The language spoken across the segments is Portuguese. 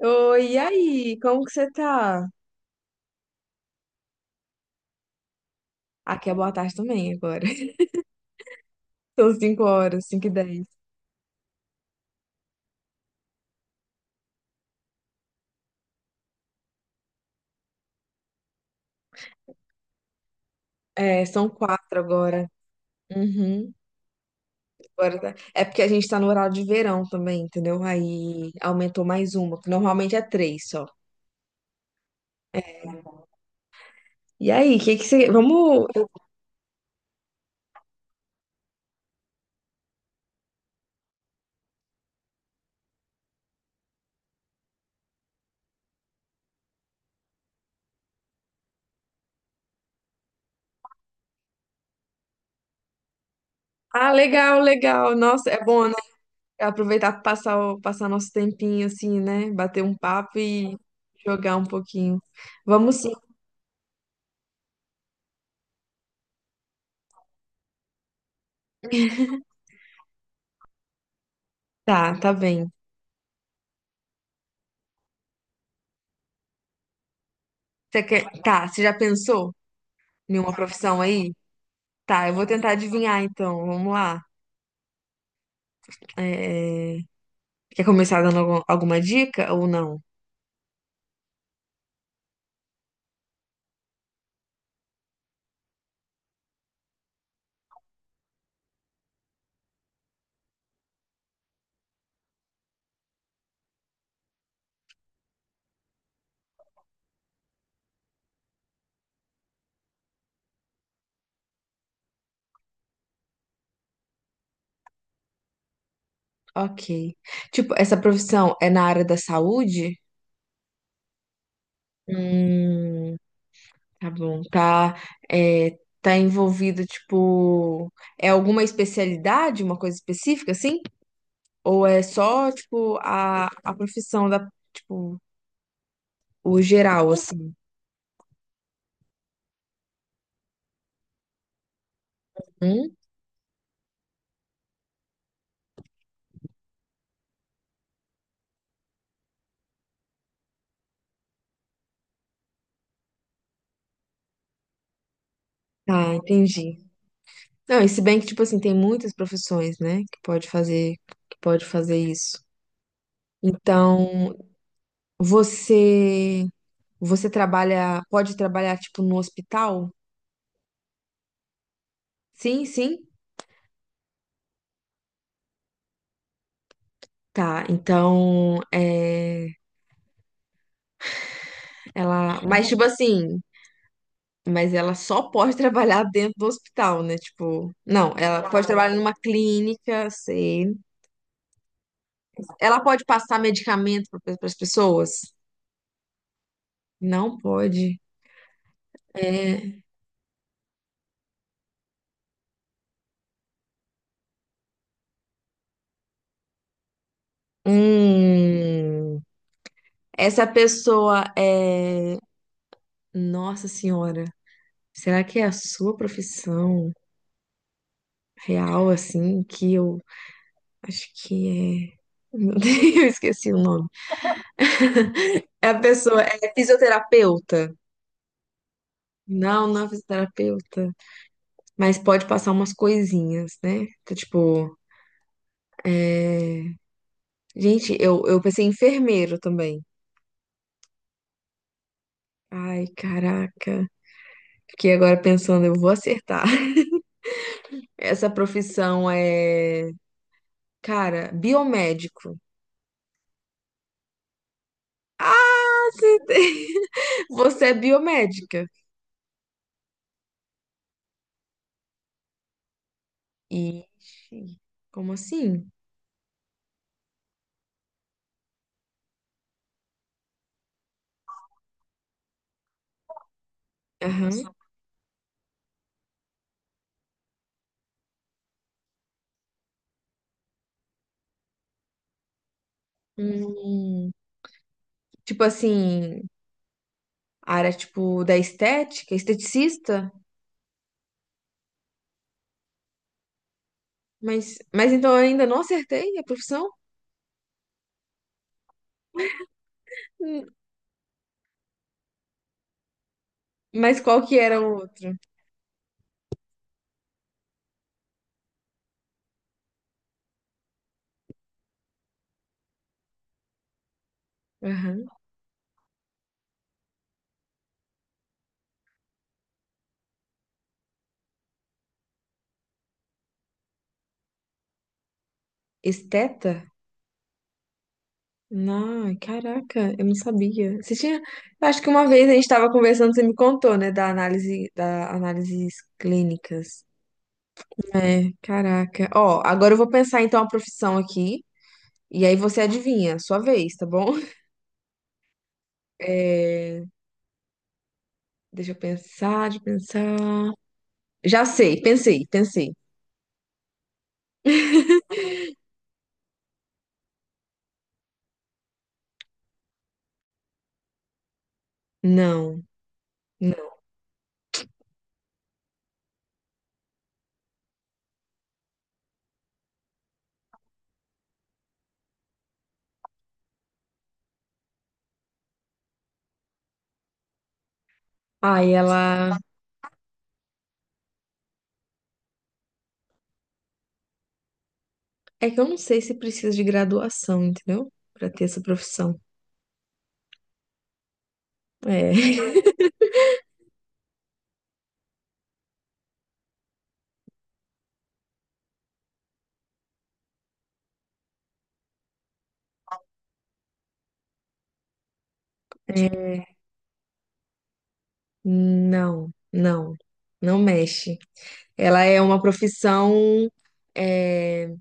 Oi, e aí? Como que você tá? Aqui é boa tarde também agora. São 5 horas, 5 e 10. É, são 4 agora. Uhum. É porque a gente tá no horário de verão também, entendeu? Aí aumentou mais uma, que normalmente é três só. E aí, o que que você... Vamos... Ah, legal, legal. Nossa, é bom, né? Aproveitar pra passar, passar nosso tempinho assim, né? Bater um papo e jogar um pouquinho. Vamos sim. Tá, tá bem. Você quer... Tá, você já pensou? Nenhuma profissão aí? Tá, eu vou tentar adivinhar então. Vamos lá. É, quer começar dando alguma dica ou não? Ok. Tipo, essa profissão é na área da saúde? Hum, tá bom. Tá, é, tá envolvida, tipo, é alguma especialidade, uma coisa específica, assim? Ou é só, tipo, a profissão da, tipo, o geral, assim? Hum? Tá, entendi. Não, e se bem que, tipo assim, tem muitas profissões, né, que pode fazer, isso. Então, você, você trabalha, pode trabalhar, tipo, no hospital? Sim, sim. Tá, então, é, ela, mas, tipo assim, mas ela só pode trabalhar dentro do hospital, né, tipo, não, ela pode trabalhar numa clínica, sei. Ela pode passar medicamento para as pessoas? Não pode. É, hum... Essa pessoa é. Nossa Senhora, será que é a sua profissão real, assim? Que eu acho que é. Meu Deus, eu esqueci o nome. É a pessoa, é fisioterapeuta. Não, não é fisioterapeuta. Mas pode passar umas coisinhas, né? Então, tipo, é... Gente, eu pensei em enfermeiro também. Ai, caraca. Fiquei agora pensando, eu vou acertar. Essa profissão é, cara, biomédico. Ah, você tem- você é biomédica. Ixi, como assim? Aham. Hum, tipo assim, a área tipo da estética, esteticista? Mas, então eu ainda não acertei a profissão? Hum, Mas qual que era o outro? Aham. Esteta? Não, caraca, eu não sabia. Você tinha, eu acho que uma vez a gente estava conversando, você me contou, né, da análise, da análises clínicas. É, caraca. Ó, agora eu vou pensar então a profissão aqui. E aí você adivinha, sua vez, tá bom? É, deixa eu pensar, deixa eu pensar. Já sei, pensei, pensei. Não. Ai, ela. É que eu não sei se precisa de graduação, entendeu? Pra ter essa profissão. É. É. Não, não. Não mexe. Ela é uma profissão. É,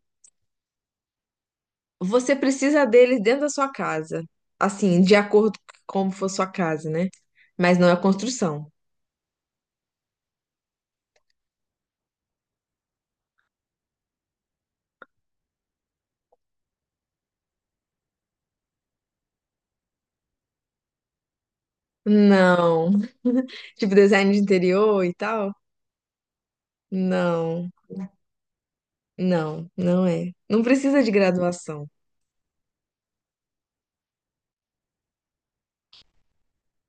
você precisa deles dentro da sua casa. Assim, de acordo com como for sua casa, né? Mas não é construção. Não. Tipo design de interior e tal? Não, não, não é. Não precisa de graduação.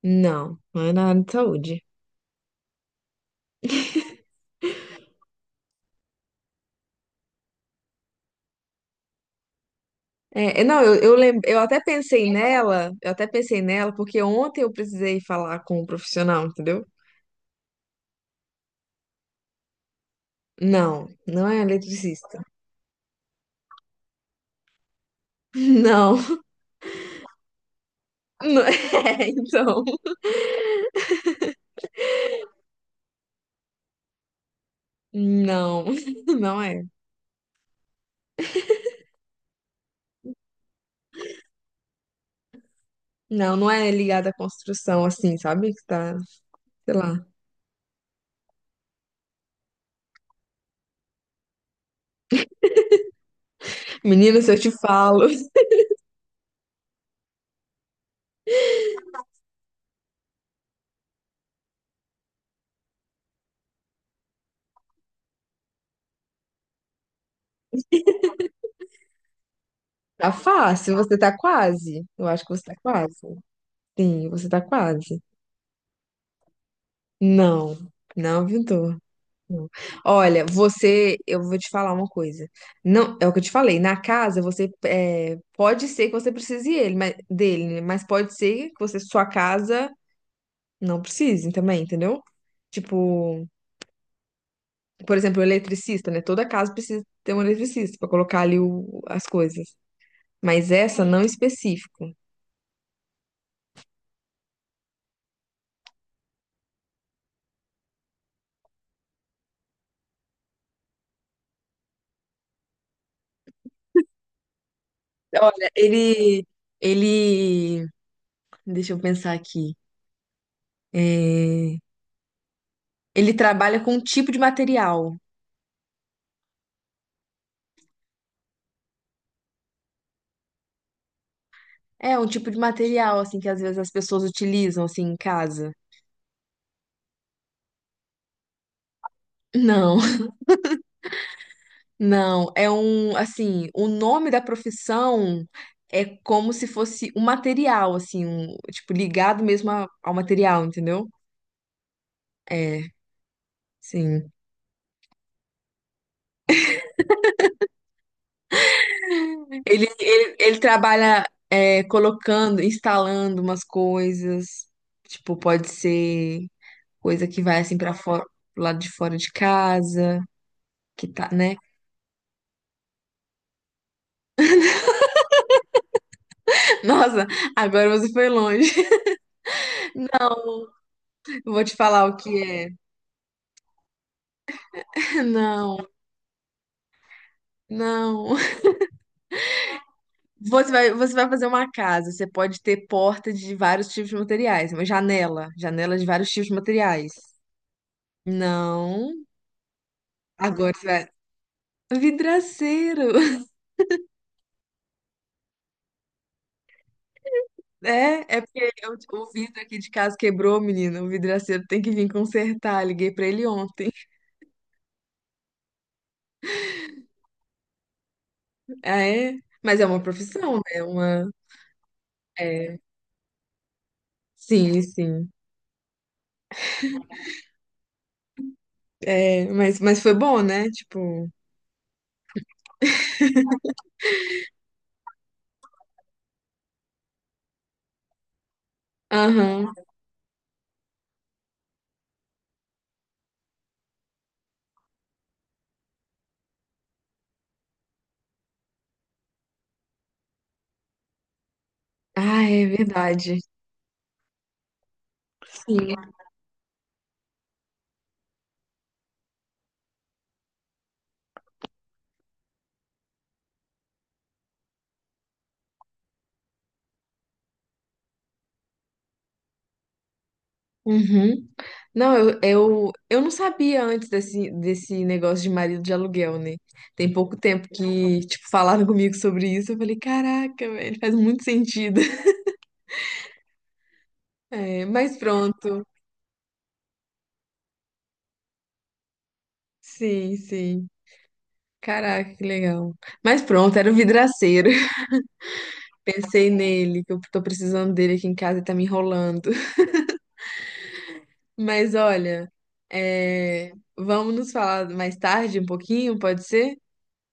Não, não é na área de saúde. É, é, não, eu até pensei nela, eu até pensei nela, porque ontem eu precisei falar com um profissional, entendeu? Não, não é eletricista. Não, não é, então. Não, não é. Não, não é ligada à construção, assim, sabe? Que tá, sei lá. Menina, se eu te falo. Tá fácil, você tá quase. Eu acho que você tá quase. Sim, você tá quase. Não, não, Vitor. Não. Olha, você, eu vou te falar uma coisa. Não, é o que eu te falei. Na casa, você é, pode ser que você precise ele, dele, né? Mas pode ser que você, sua casa não precise também, entendeu? Tipo, por exemplo, o eletricista, né? Toda casa precisa ter um eletricista pra colocar ali as coisas. Mas essa não específico. Olha, ele deixa eu pensar aqui. É, ele trabalha com um tipo de material. É, um tipo de material, assim, que às vezes as pessoas utilizam, assim, em casa. Não, não. É um, assim, o nome da profissão é como se fosse um material, assim, um, tipo, ligado mesmo ao material, entendeu? É, sim. Ele trabalha, é, colocando, instalando umas coisas. Tipo, pode ser. Coisa que vai assim para fora, pro lado de fora de casa, que tá, né? Nossa, agora você foi longe. Eu vou te falar o que é. Não, não. Você vai fazer uma casa, você pode ter porta de vários tipos de materiais, uma janela, janela de vários tipos de materiais. Não. Agora você vai. Vidraceiro! É, é porque o vidro aqui de casa quebrou, menina. O vidraceiro tem que vir consertar. Liguei pra ele ontem. Ah, é? Mas é uma profissão, né? Uma. É, sim, sim. É, mas, foi bom, né? Tipo, aham. Ah, é verdade. Sim. Uhum. Não, eu não sabia antes desse, desse negócio de marido de aluguel, né? Tem pouco tempo que, tipo, falaram comigo sobre isso. Eu falei, caraca, velho, faz muito sentido. É, mas pronto. Sim, sim. Caraca, que legal. Mas pronto, era o vidraceiro. Pensei nele, que eu tô precisando dele aqui em casa e tá me enrolando. Mas olha, é, vamos nos falar mais tarde um pouquinho, pode ser?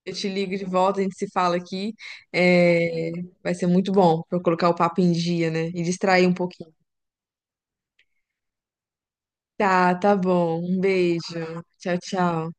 Eu te ligo de volta, a gente se fala aqui. É, vai ser muito bom para eu colocar o papo em dia, né? E distrair um pouquinho. Tá, tá bom. Um beijo. Tchau, tchau.